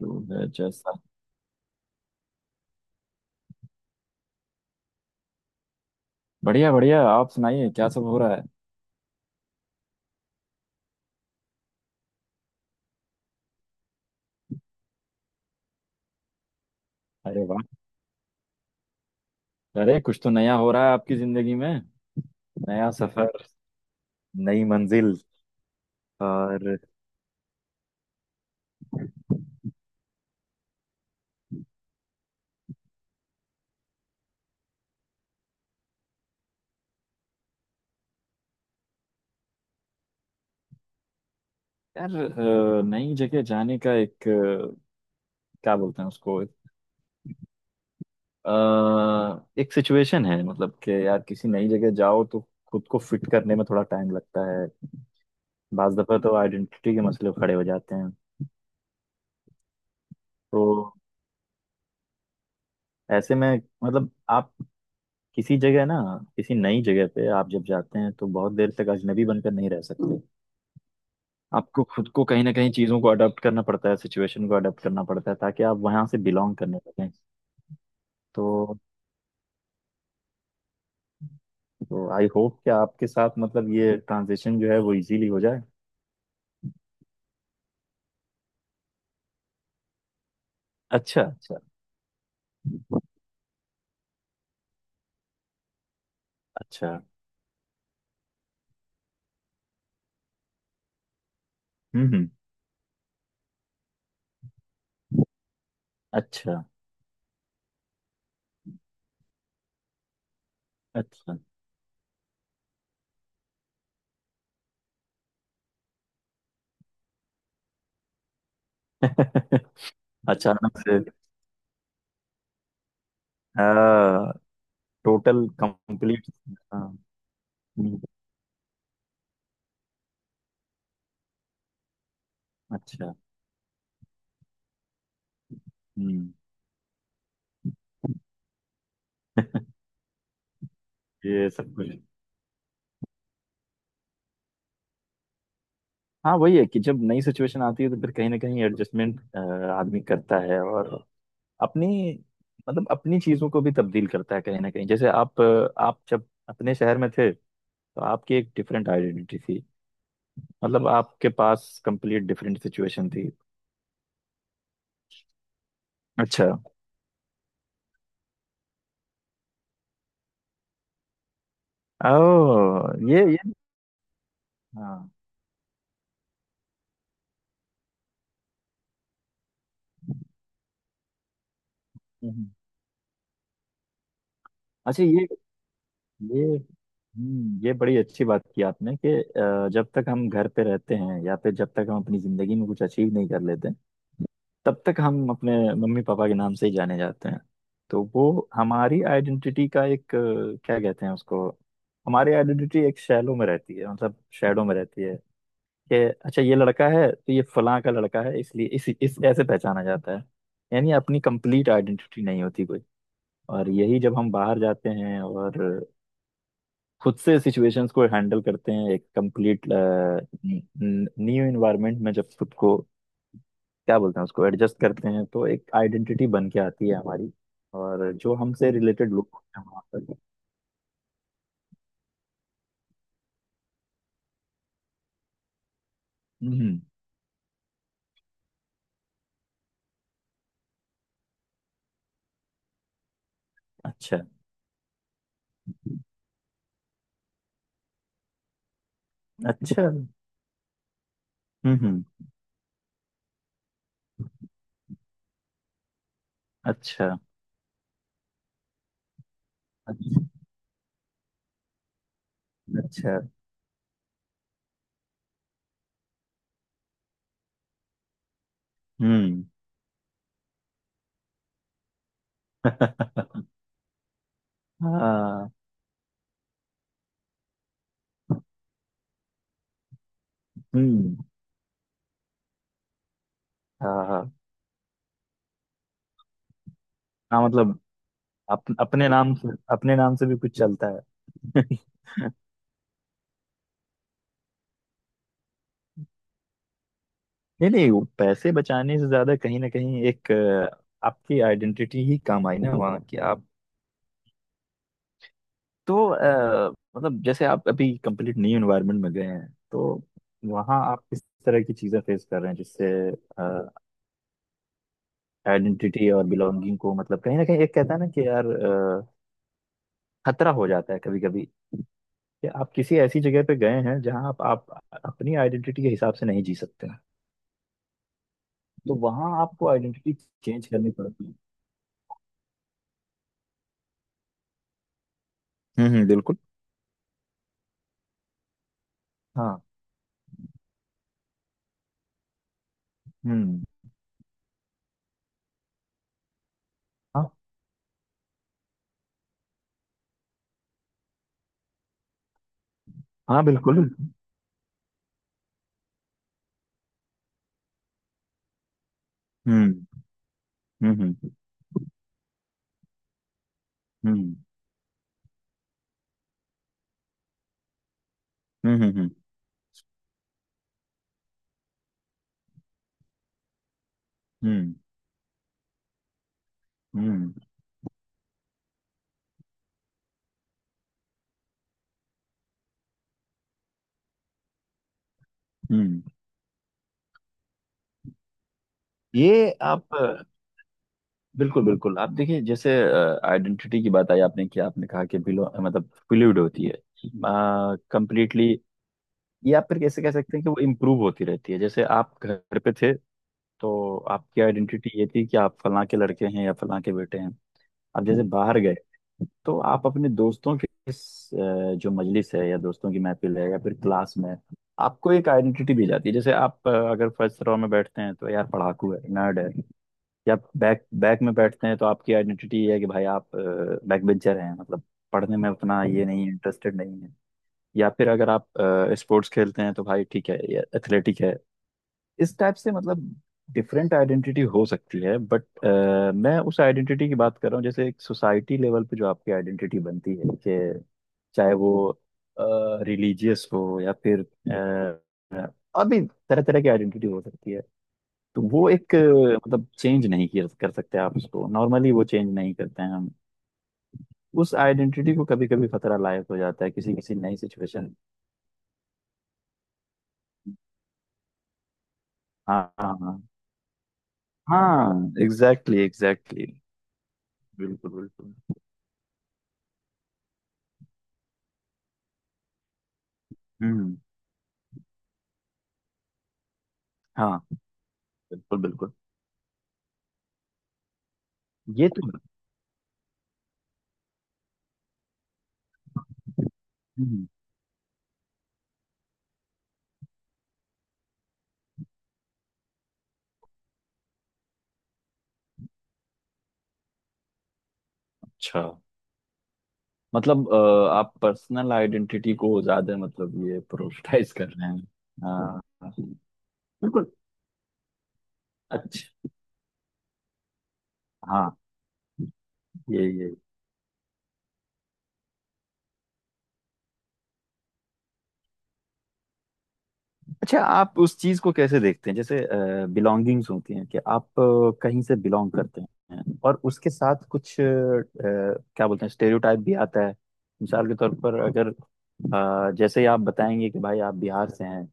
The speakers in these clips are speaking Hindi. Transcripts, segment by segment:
तो है जैसा। बढ़िया बढ़िया, आप सुनाइए क्या सब हो रहा है? अरे वाह। अरे, कुछ तो नया हो रहा है आपकी जिंदगी में। नया सफर, नई मंजिल और यार। नई जगह जाने का एक, क्या बोलते हैं उसको, अ, एक सिचुएशन है। मतलब कि यार, किसी नई जगह जाओ तो खुद को फिट करने में थोड़ा टाइम लगता है। बाज दफा तो आइडेंटिटी के मसले खड़े हो जाते हैं। तो ऐसे में मतलब, आप किसी जगह ना किसी नई जगह पे आप जब जाते हैं तो बहुत देर तक अजनबी बनकर नहीं रह सकते। आपको खुद को कहीं ना कहीं चीज़ों को अडॉप्ट करना पड़ता है, सिचुएशन को अडॉप्ट करना पड़ता है, ताकि आप वहां से बिलोंग करने लगें। तो तो आई होप कि आपके साथ मतलब ये ट्रांजिशन जो है वो इजीली हो जाए। अच्छा अच्छा। अच्छा। हम्म। अच्छा अच्छा। अचानक से। Total complete. अच्छा। हम्म। ये सब कुछ। हाँ, वही है कि जब नई सिचुएशन आती है तो फिर कहीं ना कहीं एडजस्टमेंट आदमी करता है और अपनी मतलब अपनी चीजों को भी तब्दील करता है कहीं ना कहीं। जैसे आप जब अपने शहर में थे तो आपकी एक डिफरेंट आइडेंटिटी थी। मतलब आपके पास कंप्लीट डिफरेंट सिचुएशन थी। अच्छा। ओ, ये। हाँ। हम्म। अच्छा, ये। ये बड़ी अच्छी बात की आपने कि जब तक हम घर पे रहते हैं या फिर जब तक हम अपनी जिंदगी में कुछ अचीव नहीं कर लेते तब तक हम अपने मम्मी पापा के नाम से ही जाने जाते हैं। तो वो हमारी आइडेंटिटी का एक, क्या कहते हैं उसको, हमारी आइडेंटिटी एक शैलो में रहती है, मतलब शेडो में रहती है। कि अच्छा, ये लड़का है तो ये फलां का लड़का है, इसलिए इस ऐसे पहचाना जाता है। यानी अपनी कंप्लीट आइडेंटिटी नहीं होती कोई। और यही, जब हम बाहर जाते हैं और खुद से सिचुएशंस को हैंडल करते हैं एक कंप्लीट न्यू इन्वायरमेंट में, जब खुद को क्या बोलते हैं उसको एडजस्ट करते हैं, तो एक आइडेंटिटी बन के आती है हमारी और जो हमसे रिलेटेड लोग होते हैं वहाँ पर। हम्म। अच्छा अच्छा। हम्म। अच्छा अच्छा। अच्छा। हम्म। हाँ। हम्म। हाँ हाँ। हाँ, मतलब अप, अपने नाम से अपने नाम से भी कुछ चलता है। नहीं नहीं, वो पैसे बचाने से ज्यादा कहीं ना कहीं एक, आपकी आइडेंटिटी ही काम आई ना वहाँ की। तो मतलब जैसे आप अभी कंप्लीट न्यू एनवायरनमेंट में गए हैं, तो वहाँ आप किस तरह की चीजें फेस कर रहे हैं जिससे आइडेंटिटी और बिलोंगिंग को, मतलब कहीं ना कहीं एक कहता है ना कि यार, खतरा हो जाता है कभी कभी, कि आप किसी ऐसी जगह पे गए हैं जहाँ आप अपनी आइडेंटिटी के हिसाब से नहीं जी सकते हैं, तो वहाँ आपको आइडेंटिटी चेंज करनी पड़ती है। बिल्कुल। हाँ। हम्म। हाँ हाँ। बिल्कुल। हम्म हम्म हम्म हम्म हम्म हम्म हम्म हम्म हम्म, हम्म। ये आप अ, बिल्कुल बिल्कुल, आप देखिए। जैसे आइडेंटिटी की बात आई आपने, कि आपने कहा कि बिलो मतलब फ्लूइड होती है कंप्लीटली, ये आप फिर कैसे कह सकते हैं कि वो इम्प्रूव होती रहती है? जैसे आप घर पे थे तो आपकी आइडेंटिटी ये थी कि आप फलां के लड़के हैं या फलां के बेटे हैं। आप जैसे बाहर गए तो आप अपने दोस्तों के जो मजलिस है या दोस्तों की महफिल है या फिर क्लास में आपको एक आइडेंटिटी दी जाती है। जैसे आप अगर फर्स्ट रो में बैठते हैं तो यार पढ़ाकू है, नर्ड है। या बैक बैक में बैठते हैं तो आपकी आइडेंटिटी ये है कि भाई आप बैक बेंचर हैं, मतलब पढ़ने में उतना ये नहीं है, इंटरेस्टेड नहीं है। या फिर अगर आप स्पोर्ट्स खेलते हैं तो भाई ठीक है, ये एथलेटिक है। इस टाइप से मतलब डिफरेंट आइडेंटिटी हो सकती है, बट मैं उस आइडेंटिटी की बात कर रहा हूँ, जैसे एक सोसाइटी लेवल पे जो आपकी आइडेंटिटी बनती है, कि चाहे वो रिलीजियस हो या फिर अ, अभी तरह तरह की आइडेंटिटी हो सकती है। तो वो एक, मतलब चेंज नहीं किया कर सकते आप उसको नॉर्मली, वो चेंज नहीं करते हैं हम। उस आइडेंटिटी को कभी कभी खतरा लायक हो जाता है किसी किसी नई सिचुएशन। हाँ हाँ। हाँ एग्जैक्टली एग्जैक्टली। बिल्कुल बिल्कुल। हम्म। हाँ, बिल्कुल बिल्कुल। ये तो। हम्म, अच्छा, मतलब आप पर्सनल आइडेंटिटी को ज्यादा, मतलब ये प्रोटेक्टाइज कर रहे हैं। हाँ बिल्कुल। अच्छा। हाँ ये। अच्छा, आप उस चीज को कैसे देखते हैं, जैसे बिलोंगिंग्स होती हैं कि आप कहीं से बिलोंग करते हैं और उसके साथ कुछ, क्या बोलते हैं, स्टेरियोटाइप भी आता है? मिसाल के तौर पर, अगर जैसे ही आप बताएंगे कि भाई आप बिहार से हैं,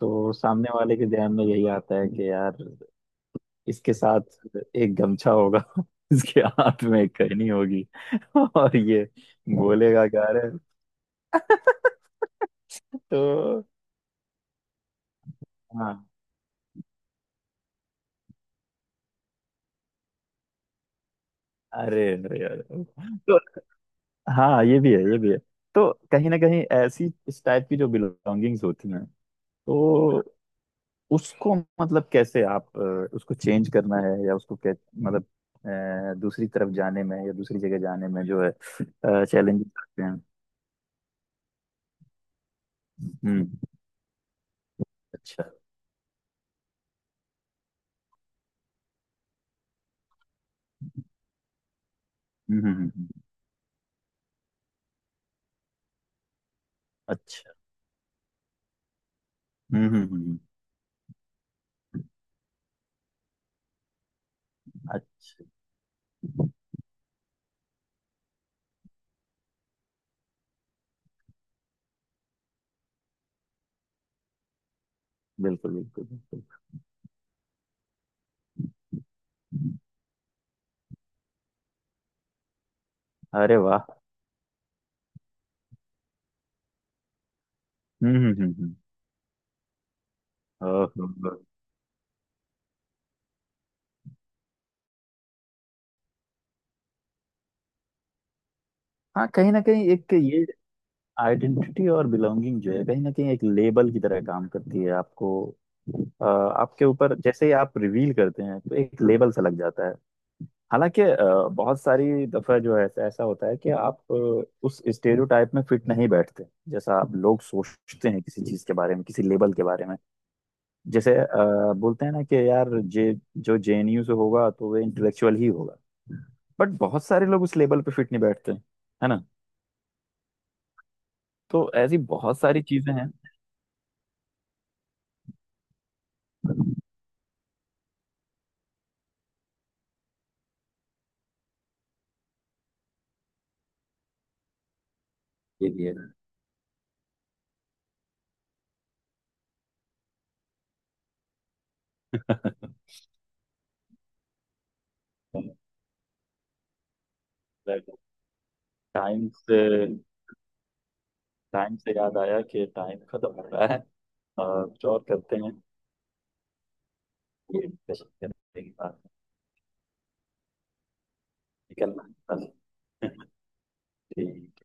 तो सामने वाले के ध्यान में यही आता है कि यार, इसके साथ एक गमछा होगा, इसके हाथ में एक कहनी होगी, और ये बोलेगा क्या, अरे। तो हाँ। अरे अरे अरे। तो हाँ, ये भी है, ये भी है। तो कहीं ना कहीं ऐसी इस टाइप की जो बिलोंगिंग्स होती हैं, तो उसको मतलब कैसे आप, उसको चेंज करना है या उसको कै मतलब दूसरी तरफ जाने में या दूसरी जगह जाने में जो है चैलेंजेस आते हैं। हम्म। अच्छा। हम्म। अच्छा। हम्म। अच्छा। बिल्कुल बिल्कुल बिल्कुल। अरे वाह। हम्म हम्म हम्म ओहो। हाँ, कहीं ना कहीं एक ये आइडेंटिटी और बिलोंगिंग जो है कहीं ना कहीं एक लेबल की तरह काम करती है आपको, आपके ऊपर। जैसे ही आप रिवील करते हैं तो एक लेबल सा लग जाता है। हालांकि बहुत सारी दफा जो है ऐसा ऐसा होता है कि आप उस स्टेरियोटाइप में फिट नहीं बैठते जैसा आप लोग सोचते हैं किसी चीज के बारे में, किसी लेबल के बारे में। जैसे बोलते हैं ना कि यार, जे जो जेएनयू से होगा तो वह इंटेलेक्चुअल ही होगा, बट बहुत सारे लोग उस लेबल पे फिट नहीं बैठते, है ना? तो ऐसी बहुत सारी चीजें हैं। इडियट। टाइम से, टाइम से याद आया कि टाइम खत्म हो रहा है और कुछ और करते हैं। ये discussion करने के बाद निकलना है। बस, ठीक।